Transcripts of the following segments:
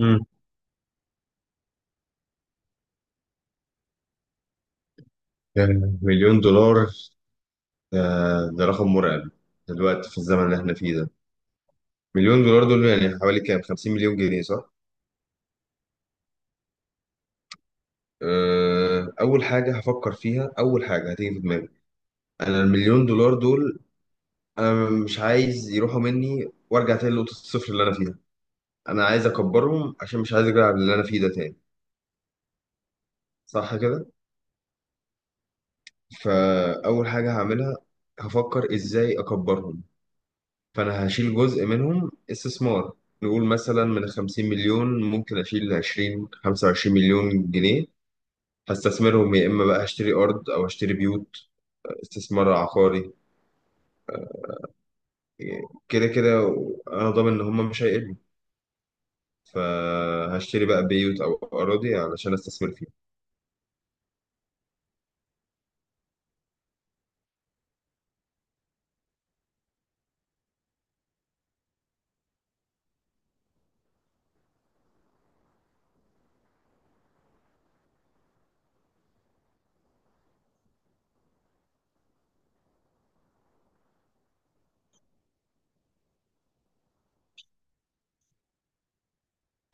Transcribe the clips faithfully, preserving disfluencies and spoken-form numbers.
مم. كان مليون دولار. آه، ده رقم مرعب دلوقتي في الزمن اللي احنا فيه ده. مليون دولار دول يعني حوالي كام؟ 50 مليون جنيه صح؟ آه، اول حاجه هفكر فيها، اول حاجه هتيجي في دماغي، انا المليون دولار دول انا مش عايز يروحوا مني وارجع تاني لنقطه الصفر اللي انا فيها. انا عايز اكبرهم عشان مش عايز ارجع اللي انا فيه ده تاني. صح كده؟ فاول حاجه هعملها، هفكر ازاي اكبرهم. فانا هشيل جزء منهم استثمار. نقول مثلا من 50 مليون ممكن اشيل عشرين 25 مليون جنيه، هستثمرهم يا اما بقى هشتري ارض او هشتري بيوت. استثمار عقاري، كده كده انا ضامن ان هم مش هيقلوا. فهشتري بقى بيوت او اراضي علشان استثمر فيها.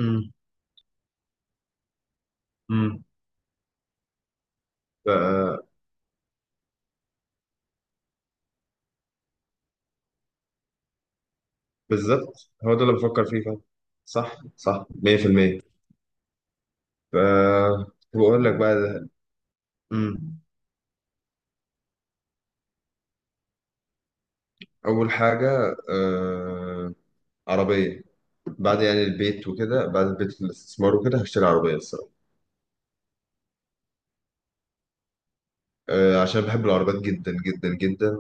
امم امم بالظبط هو ده اللي بفكر فيه فعلا. صح صح، مية في المية. ف بقول لك بقى ده. امم اول حاجه آه، عربية. بعد يعني البيت وكده، بعد البيت الاستثمار وكده هشتري عربية الصراحة. آه، عشان بحب العربيات جدا جدا جدا،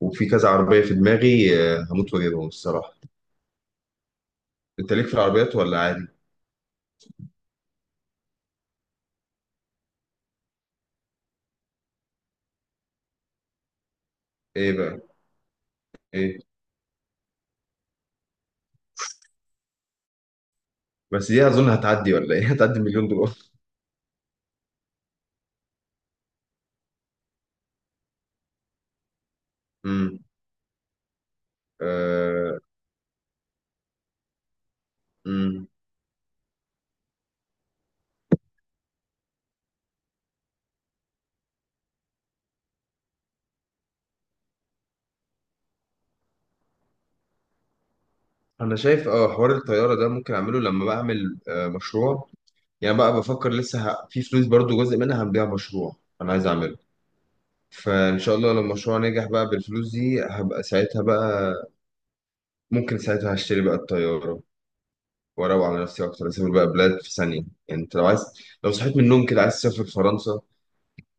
وفي كذا عربية في دماغي آه، هموت واجيبهم الصراحة. انت ليك في العربيات ولا عادي؟ ايه بقى؟ ايه؟ بس دي اظن هتعدي ولا ايه؟ هتعدي مليون دولار. امم آه، امم انا شايف اه حوار الطيارة ده ممكن اعمله لما بعمل آه، مشروع. يعني بقى بفكر لسه ه... في فلوس برضو جزء منها هنبيع مشروع انا عايز اعمله. فان شاء الله لو المشروع نجح بقى، بالفلوس دي هبقى ساعتها بقى ممكن ساعتها هشتري بقى الطيارة، وأروق على نفسي أكتر، أسافر بقى بلاد في ثانية. يعني أنت لو عايز، لو صحيت من النوم كده عايز تسافر فرنسا،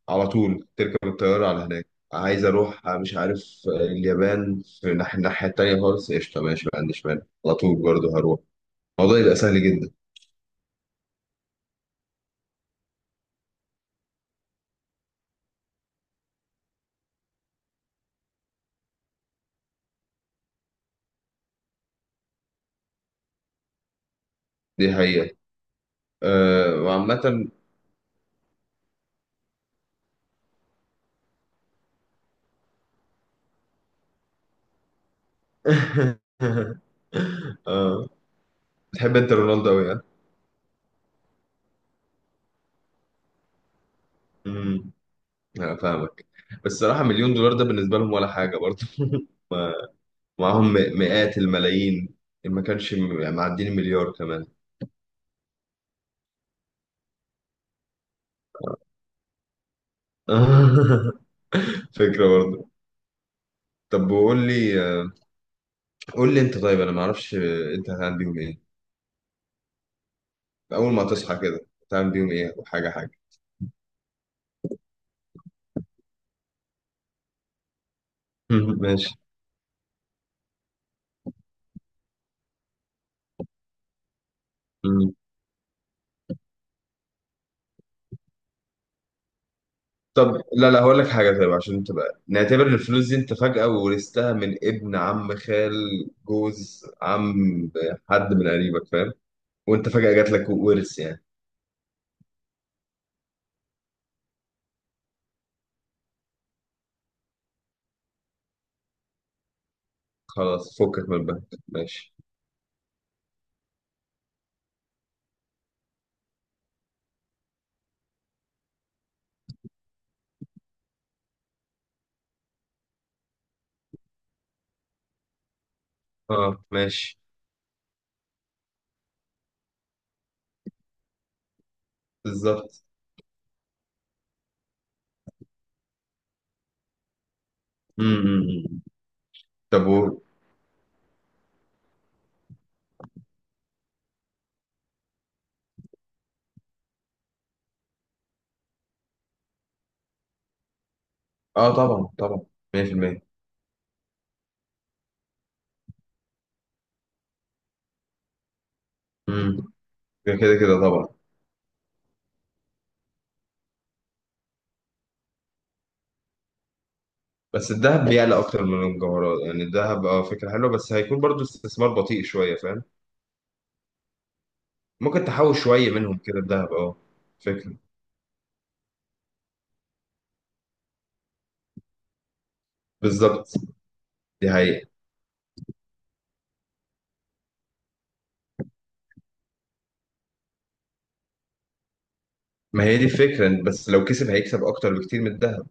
على طول تركب الطيارة على هناك. عايز أروح مش عارف، اليابان في الناح- الناحية التانية خالص، قشطة ماشي ما عنديش مانع على طول برضه هروح. الموضوع يبقى سهل جدا. دي حقيقة. أه، وعامة أه، بتحب أنت رونالدو أوي ها؟ أمم أنا فاهمك. بس الصراحة مليون دولار ده بالنسبة لهم ولا حاجة برضه ومعاهم م- مئات الملايين، إن ما كانش م- يعني معدين المليار كمان. فكرة برضه. طب وقول لي، قول لي انت. طيب انا ما اعرفش، انت هتعمل بيهم ايه اول ما تصحى كده؟ هتعمل بيهم ايه وحاجة حاجة؟ ماشي. مم. طب لا لا، هقول لك حاجة. طيب عشان تبقى، نعتبر الفلوس دي انت فجأة ورثتها من ابن عم، خال، جوز عم، حد من قريبك فاهم، وانت فجأة جات لك ورث يعني. خلاص، فكك من البنك. ماشي. اه ماشي. بالظبط. امم طب و... اه طبعا طبعا، مية في المية. امم كده كده كده طبعا. بس الذهب بيعلى اكتر من الجوهرات، يعني الذهب اه فكره حلوه، بس هيكون برضو استثمار بطيء شويه فاهم؟ ممكن تحوش شويه منهم كده الذهب، اه فكره. بالظبط. دي حقيقه. ما هي دي الفكره، بس لو كسب هيكسب اكتر بكتير من الذهب.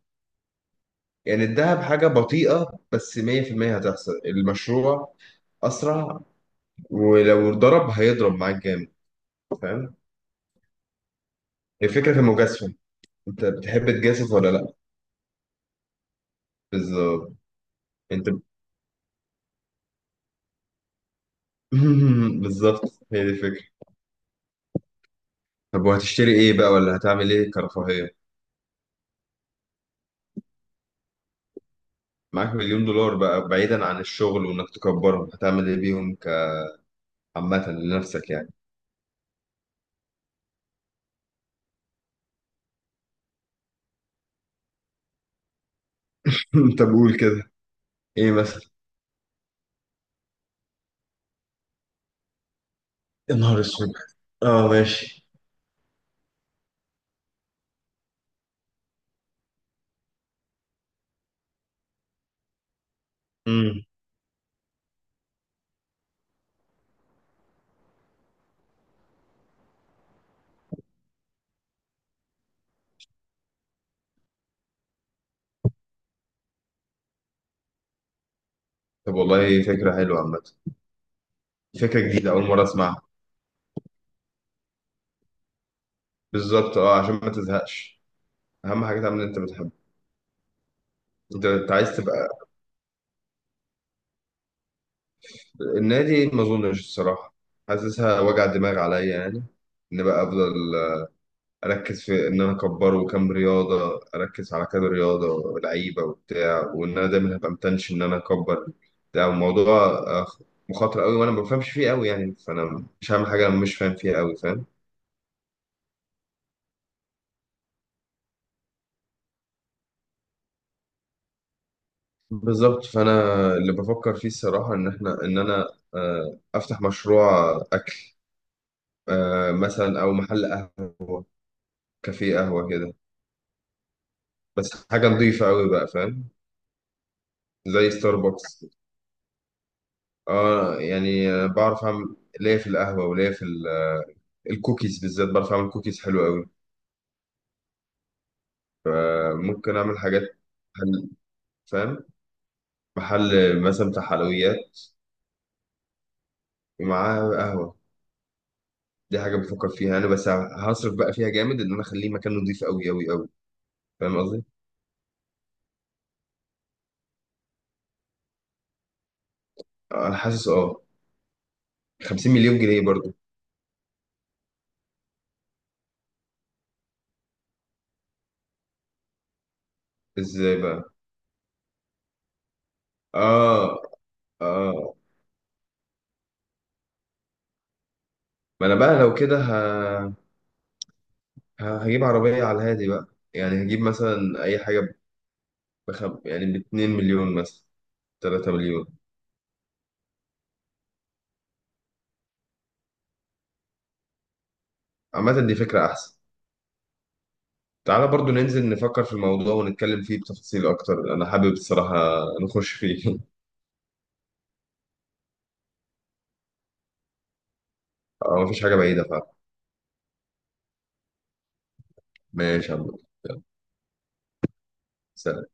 يعني الذهب حاجه بطيئه، بس مية في المية هتحصل المشروع اسرع، ولو ضرب هيضرب معاك جامد فاهم؟ هي الفكره في المجازفه. انت بتحب تجازف ولا لا؟ بالظبط. انت ب- بالظبط. هي دي الفكره. طب وهتشتري ايه بقى، ولا هتعمل ايه كرفاهيه؟ معاك مليون دولار بقى، بعيدا عن الشغل وانك تكبرهم، هتعمل ايه بيهم كعامه لنفسك يعني؟ طب قول كده، ايه مثلا؟ يا نهار اسود. اه ماشي. امم طب والله فكره حلوه عامه، فكره جديده اول مره اسمعها. بالظبط اه عشان ما تزهقش، اهم حاجه تعمل اللي انت بتحبه. انت انت عايز تبقى، النادي ما اظنش الصراحه، حاسسها وجع دماغ عليا يعني، ان بقى افضل اركز في ان انا اكبره. كام رياضه اركز على كذا رياضه، لعيبه وبتاع، وان انا دايما هبقى متنشن ان انا اكبر بتاع الموضوع. آه، مخاطر قوي وانا ما بفهمش فيه قوي يعني، فانا مش هعمل حاجه انا مش فاهم فيها قوي فاهم؟ بالظبط. فانا اللي بفكر فيه الصراحه ان احنا، ان انا آه، افتح مشروع اكل. آه، مثلا او محل قهوه، كافيه قهوه كده. بس حاجه نظيفه قوي بقى فاهم؟ زي ستاربكس. اه يعني آه، بعرف اعمل ليا في القهوه وليا في الكوكيز بالذات، بعرف اعمل كوكيز حلو قوي. ممكن اعمل حاجات، محل فاهم، محل مثلا بتاع حلويات ومعاها قهوه. دي حاجه بفكر فيها انا. بس هصرف بقى فيها جامد ان انا اخليه مكان نضيف قوي قوي قوي فاهم قصدي؟ انا حاسس اه 50 مليون جنيه برضو. ازاي بقى؟ اه اه. ما انا بقى لو كده ه... ه- هجيب عربيه على الهادي بقى، يعني هجيب مثلا اي حاجه بخم... يعني ب 2 مليون مثلا، 3 مليون. عامه دي فكره احسن. تعالى برضو ننزل نفكر في الموضوع ونتكلم فيه بتفاصيل أكتر، أنا حابب الصراحة نخش فيه. آه، مفيش حاجة بعيدة فعلا. ماشي يا عم. يلا، سلام.